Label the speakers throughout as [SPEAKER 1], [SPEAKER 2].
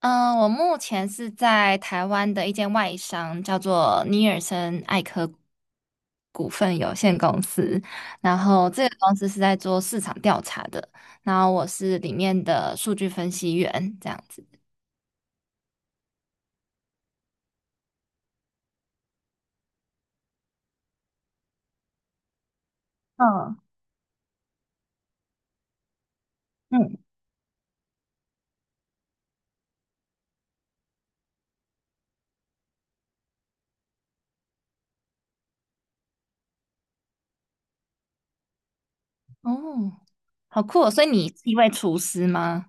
[SPEAKER 1] 嗯，我目前是在台湾的一间外商，叫做尼尔森艾科股份有限公司。然后这个公司是在做市场调查的，然后我是里面的数据分析员，这样子。嗯嗯，哦，好酷哦！所以你是一位厨师吗？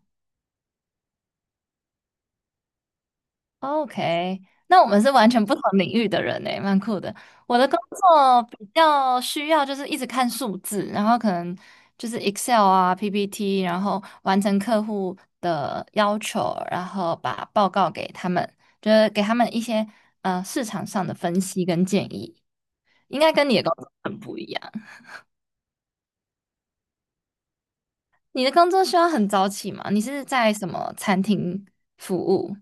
[SPEAKER 1] OK，那我们是完全不同领域的人诶，蛮酷的。我的工作比较需要就是一直看数字，然后可能就是 Excel 啊、PPT，然后完成客户的要求，然后把报告给他们，就是给他们一些市场上的分析跟建议。应该跟你的工作很不一样。你的工作需要很早起吗？你是在什么餐厅服务？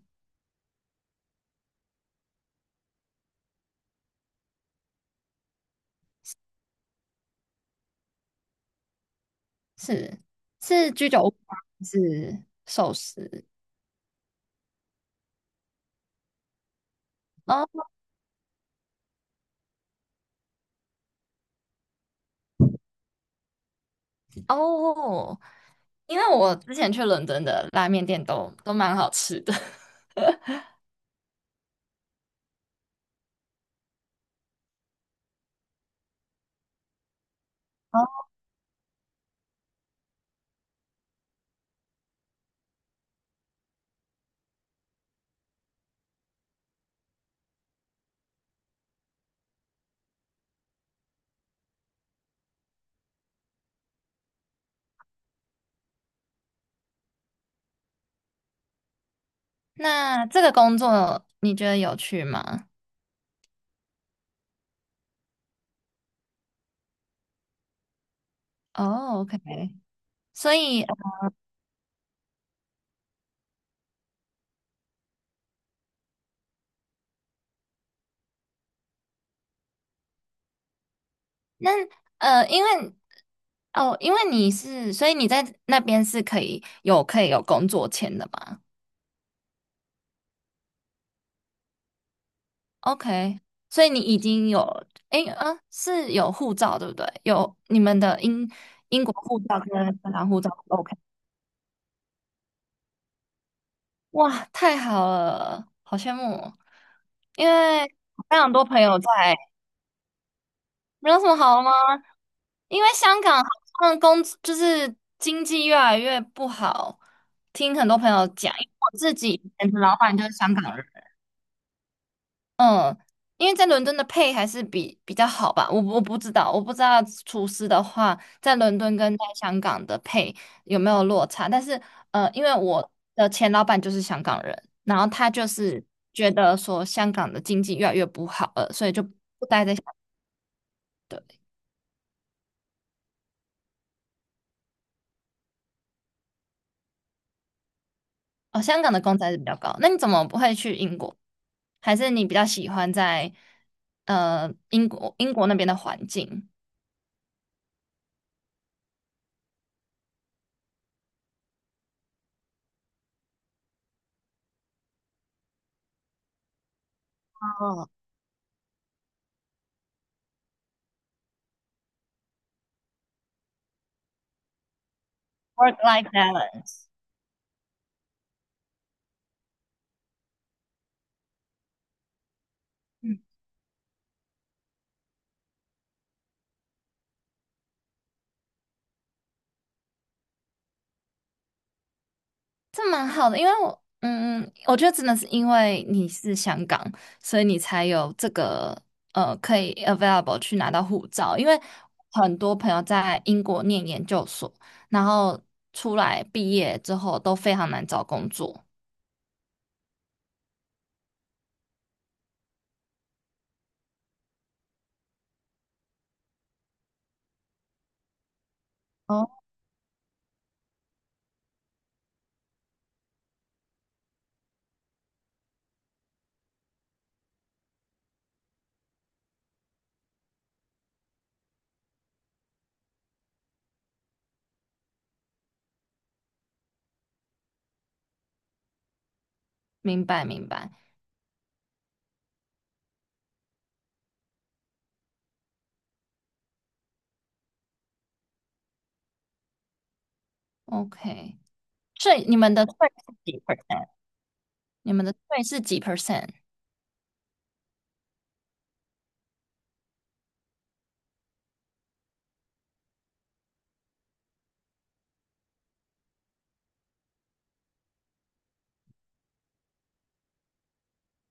[SPEAKER 1] 是是居酒屋吗？还是寿司？哦哦，因为我之前去伦敦的拉面店都蛮好吃的。哦，那这个工作你觉得有趣吗？哦，OK，所以那因为哦，因为你是，所以你在那边是可以有可以有工作签的吗？OK，所以你已经有，诶，是有护照对不对？有你们的英国护照跟芬兰护照，OK。哇，太好了，好羡慕哦！因为非常多朋友在，没有什么好吗？因为香港好像工就是经济越来越不好，听很多朋友讲，因为我自己以前的老板就是香港人。嗯，因为在伦敦的配还是比较好吧，我不知道，我不知道厨师的话在伦敦跟在香港的配有没有落差，但是因为我的前老板就是香港人，然后他就是觉得说香港的经济越来越不好了，所以就不待在香对，哦，香港的工资还是比较高，那你怎么不会去英国？还是你比较喜欢在英国那边的环境？哦，work life balance。这蛮好的，因为我，嗯，我觉得真的是因为你是香港，所以你才有这个可以 available 去拿到护照。因为很多朋友在英国念研究所，然后出来毕业之后都非常难找工作。哦，明白明白，OK。所以你们的税是几 percent？你们的税是几 percent？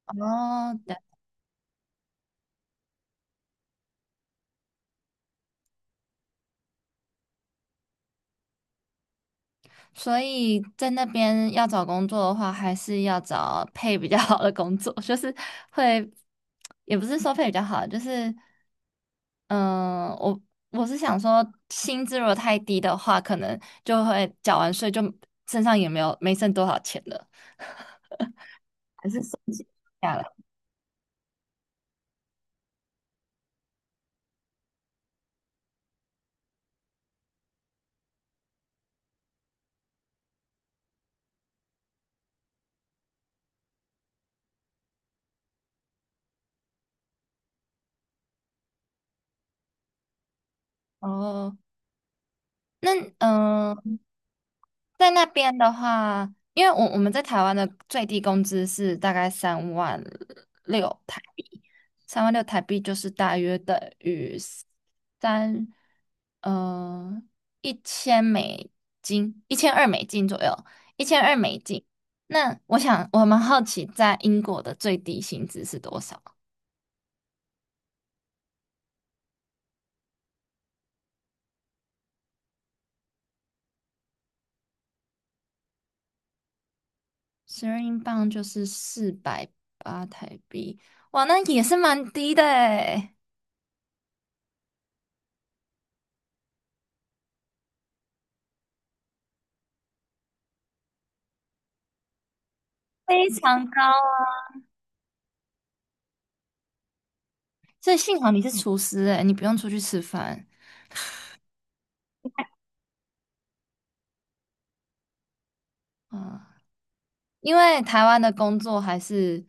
[SPEAKER 1] 哦，所以在那边要找工作的话，还是要找配比较好的工作，就是会，也不是说配比较好，就是嗯，我我是想说，薪资如果太低的话，可能就会缴完税就身上也没有没剩多少钱了，还是省下来。哦，那嗯、呃在那边的话，因为我们在台湾的最低工资是大概三万六台币，三万六台币就是大约等于三，呃，一千美金，一千二美金左右，一千二美金。那我想，我蛮好奇，在英国的最低薪资是多少？12英镑就是480台币，哇，那也是蛮低的诶，非常高啊所以幸好你是厨师、欸，你不用出去吃饭，嗯，因为台湾的工作还是，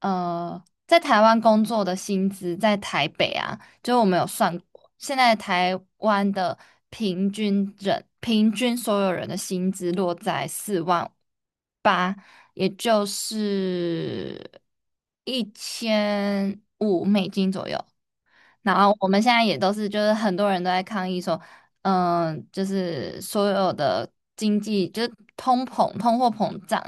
[SPEAKER 1] 呃，在台湾工作的薪资在台北啊，就我们有算过，现在台湾的平均人平均所有人的薪资落在4万8，也就是1500美金左右。然后我们现在也都是，就是很多人都在抗议说，就是所有的经济就是通膨、通货膨胀，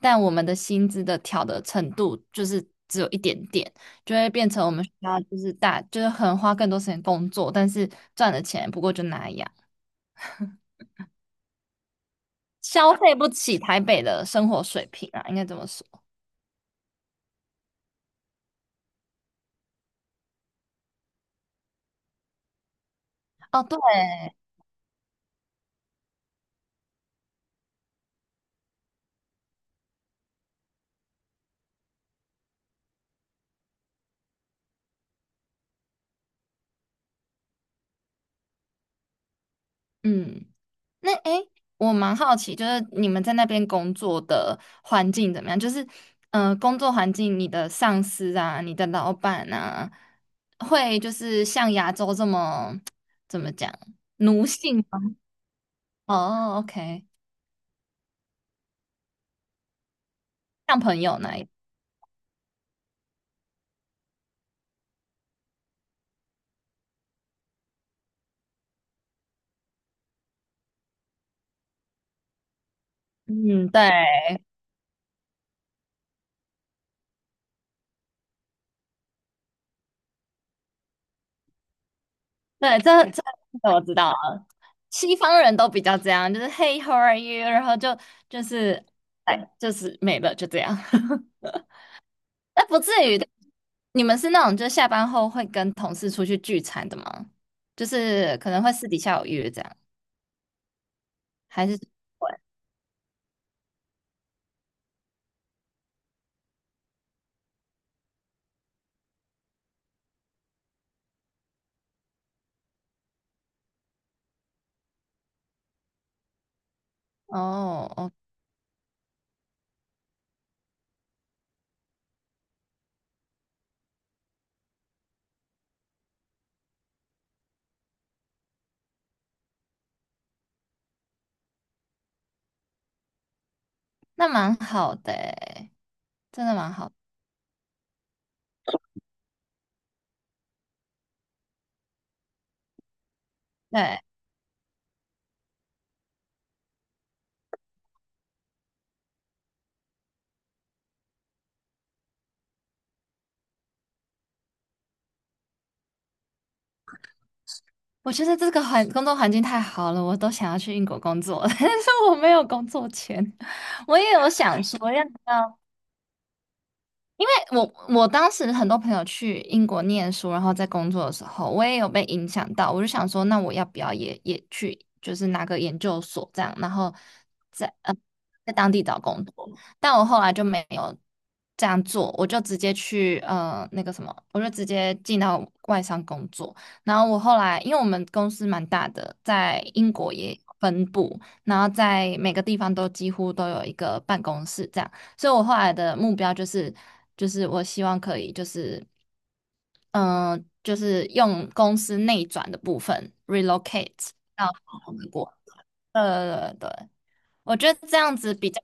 [SPEAKER 1] 但我们的薪资的调的程度就是只有一点点，就会变成我们需要就是大就是很花更多时间工作，但是赚的钱不过就那样，消费不起台北的生活水平啊，应该这么说。哦，对。嗯，那诶，我蛮好奇，就是你们在那边工作的环境怎么样？就是，嗯，工作环境，你的上司啊，你的老板啊，会就是像亚洲这么 怎么讲奴性吗？哦，OK，像朋友那一，嗯，对对，这这我知道了，西方人都比较这样，就是 Hey, how are you？然后就就是哎，就是没了，就这样。那不至于的。你们是那种就下班后会跟同事出去聚餐的吗？就是可能会私底下有约这样，还是会？哦哦，那蛮好的诶，真的蛮好。对，我觉得这个环工作环境太好了，我都想要去英国工作了，但是我没有工作签。我也有想说要不要我当时很多朋友去英国念书，然后在工作的时候，我也有被影响到。我就想说，那我要不要也去，就是拿个研究所这样，然后在在当地找工作。但我后来就没有这样做，我就直接去那个什么，我就直接进到外商工作。然后我后来，因为我们公司蛮大的，在英国也有分部，然后在每个地方都几乎都有一个办公室这样。所以我后来的目标就是，就是我希望可以，就是，嗯、就是用公司内转的部分 relocate 到不同的国。对对对，我觉得这样子比较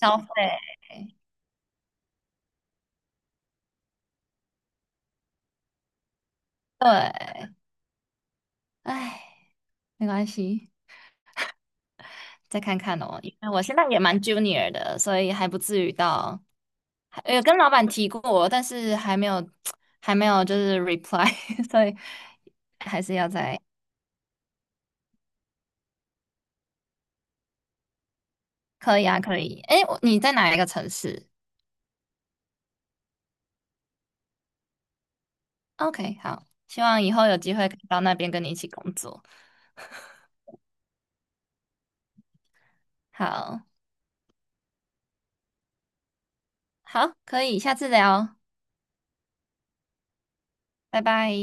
[SPEAKER 1] 消费。对，唉，没关系，再看看哦，因为我现在也蛮 junior 的，所以还不至于到，还有跟老板提过，但是还没有，还没有就是 reply，所以还是要在。可以啊，可以。哎，我你在哪一个城市？OK，好，希望以后有机会可以到那边跟你一起工作。好，好，可以，下次聊，拜拜。